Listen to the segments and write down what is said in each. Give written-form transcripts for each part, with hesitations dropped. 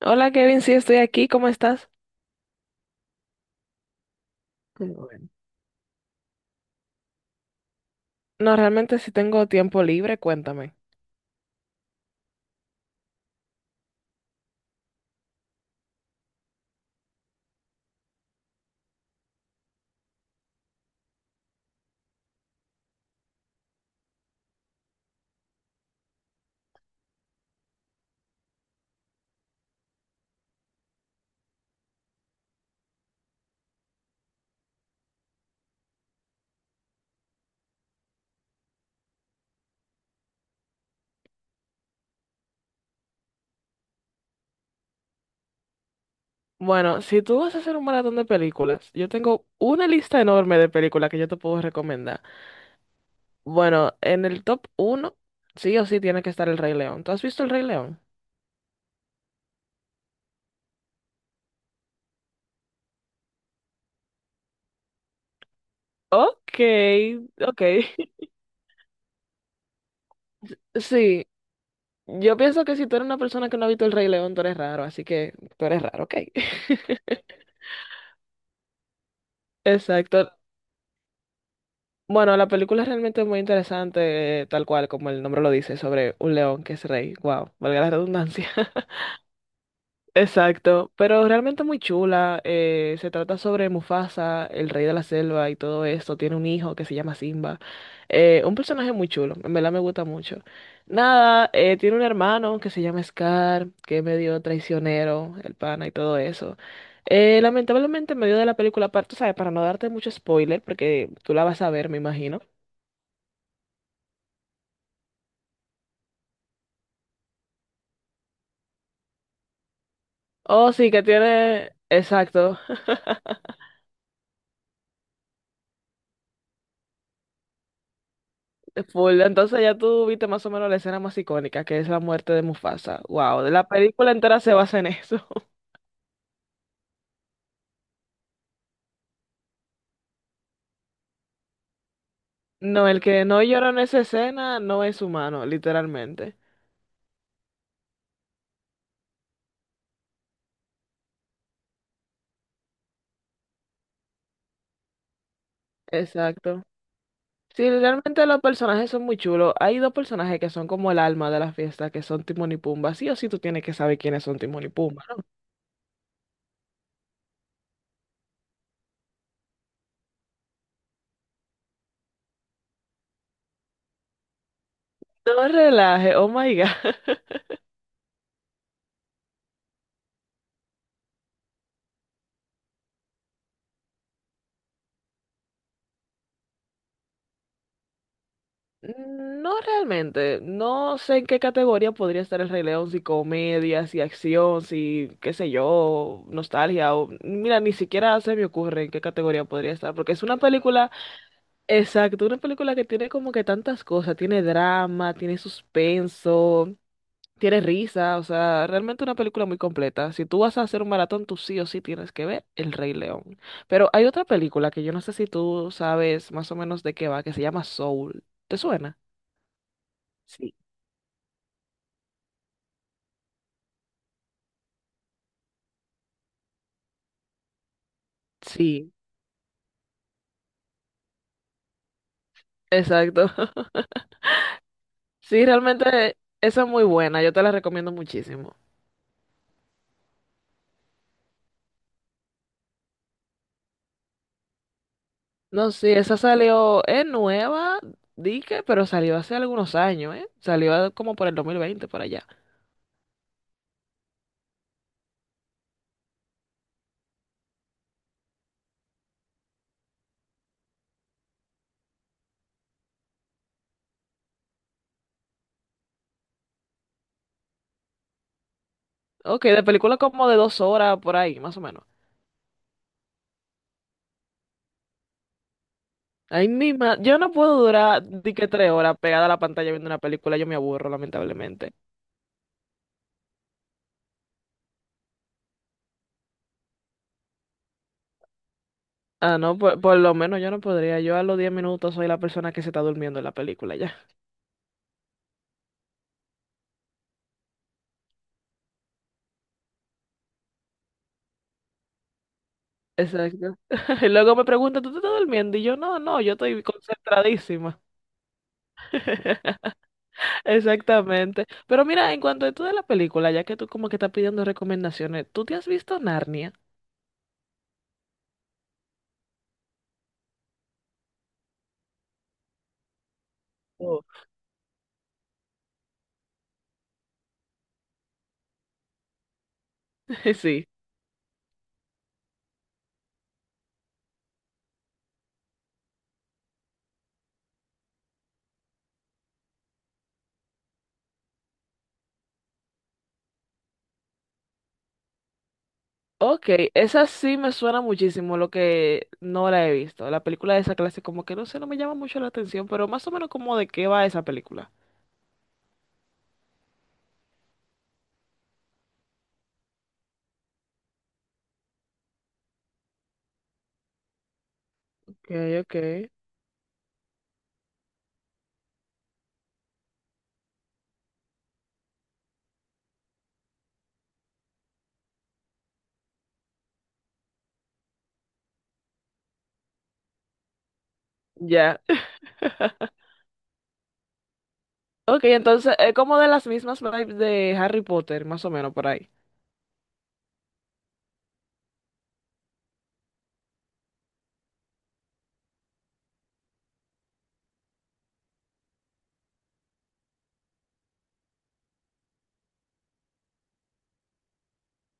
Hola Kevin, sí estoy aquí, ¿cómo estás? Bueno. No, realmente si tengo tiempo libre, cuéntame. Bueno, si tú vas a hacer un maratón de películas, yo tengo una lista enorme de películas que yo te puedo recomendar. Bueno, en el top uno sí o sí tiene que estar El Rey León. ¿Tú has visto El Rey León? Ok, ok. Sí, yo pienso que si tú eres una persona que no ha visto El Rey León, tú eres raro, así que tú eres raro, ok. Exacto. Bueno, la película es realmente muy interesante, tal cual como el nombre lo dice, sobre un león que es rey. Wow, valga la redundancia. Exacto, pero realmente muy chula. Se trata sobre Mufasa, el rey de la selva y todo esto. Tiene un hijo que se llama Simba. Un personaje muy chulo, en verdad me gusta mucho. Nada, tiene un hermano que se llama Scar, que es medio traicionero, el pana y todo eso. Lamentablemente, en medio de la película, para, tú sabes, para no darte mucho spoiler, porque tú la vas a ver, me imagino. Oh, sí, que tiene. Exacto. Full. Entonces ya tú viste más o menos la escena más icónica, que es la muerte de Mufasa. Wow, la película entera se basa en eso. No, el que no llora en esa escena no es humano, literalmente. Exacto. Sí, realmente los personajes son muy chulos. Hay dos personajes que son como el alma de la fiesta, que son Timón y Pumba. Sí o sí tú tienes que saber quiénes son Timón y Pumba, ¿no? No relaje, oh my God. No realmente, no sé en qué categoría podría estar el Rey León, si comedia, si acción, si qué sé yo, nostalgia, o mira, ni siquiera se me ocurre en qué categoría podría estar, porque es una película, exacto, una película que tiene como que tantas cosas, tiene drama, tiene suspenso, tiene risa, o sea, realmente una película muy completa. Si tú vas a hacer un maratón, tú sí o sí tienes que ver El Rey León. Pero hay otra película que yo no sé si tú sabes más o menos de qué va, que se llama Soul. ¿Te suena? Sí. Sí, exacto. Sí, realmente esa es muy buena, yo te la recomiendo muchísimo. No, sí, esa salió, es nueva, dije, pero salió hace algunos años, ¿eh? Salió como por el 2020, por allá. Ok, de película como de 2 horas, por ahí, más o menos. Ahí misma, yo no puedo durar, di 3 horas pegada a la pantalla viendo una película, yo me aburro, lamentablemente. Ah, no, por lo menos yo no podría, yo a los 10 minutos soy la persona que se está durmiendo en la película. Exacto. Y luego me pregunta, ¿tú te estás durmiendo? Y yo, no, no, yo estoy concentradísima. Exactamente. Pero mira, en cuanto a esto de la película, ya que tú como que estás pidiendo recomendaciones, ¿tú te has visto Narnia? Oh. Sí. Ok, esa sí me suena muchísimo, lo que no la he visto. La película de esa clase como que no sé, no me llama mucho la atención, pero más o menos como de qué va esa película. Ok, ok. Ya. Ok, entonces es como de las mismas vibes de Harry Potter, más o menos por ahí.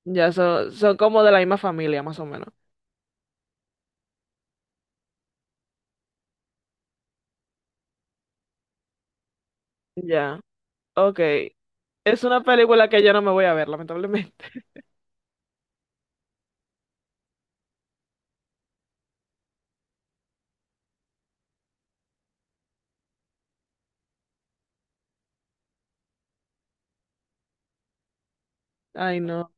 Ya son, son como de la misma familia, más o menos. Ya, ok. Es una película que yo no me voy a ver, lamentablemente. Ay, no,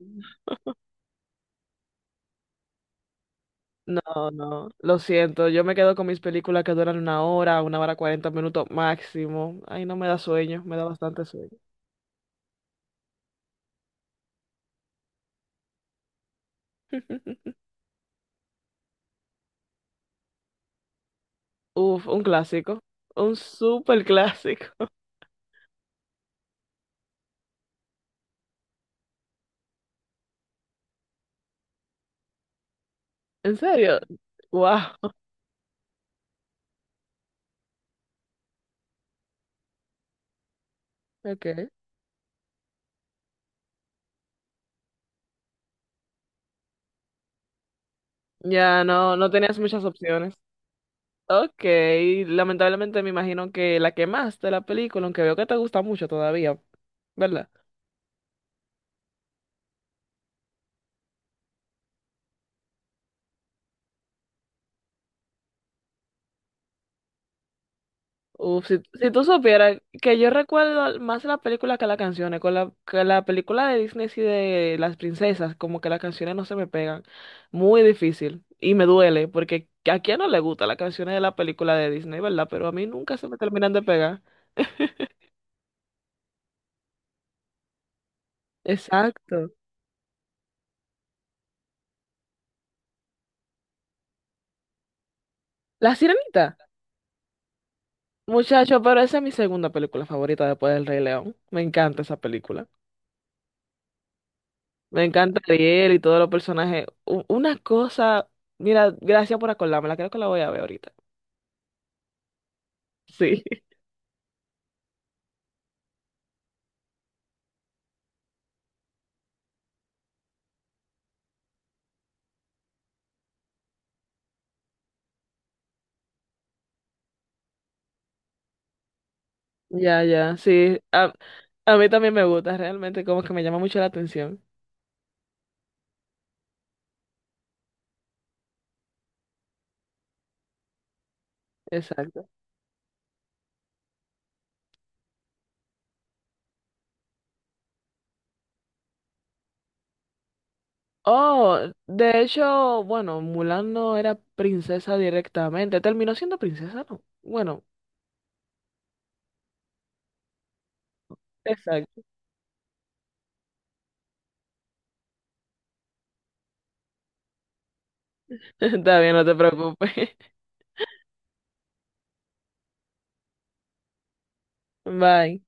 no, no. Lo siento, yo me quedo con mis películas que duran 1 hora, 1 hora 40 minutos máximo. Ay, no me da sueño, me da bastante sueño. Uf, un clásico. Un súper clásico. ¿En serio? Wow. Ok. Ya no, no tenías muchas opciones. Ok, lamentablemente me imagino que la quemaste la película, aunque veo que te gusta mucho todavía, ¿verdad? Uf, si tú supieras que yo recuerdo más la película que las canciones, con la, que la película de Disney y de las princesas, como que las canciones no se me pegan, muy difícil y me duele, porque a quién no le gusta las canciones de la película de Disney, ¿verdad? Pero a mí nunca se me terminan de pegar. Exacto. La Sirenita, muchacho, pero esa es mi segunda película favorita después del Rey León, me encanta esa película. Me encanta Ariel y todos los personajes. Una cosa, mira, gracias por acordármela, creo que la voy a ver ahorita. Sí. Ya, ya, sí. A mí también me gusta, realmente, como que me llama mucho la atención. Exacto. Oh, de hecho, bueno, Mulan no era princesa directamente, terminó siendo princesa, ¿no? Bueno, exacto. Está bien, no te preocupes. Bye.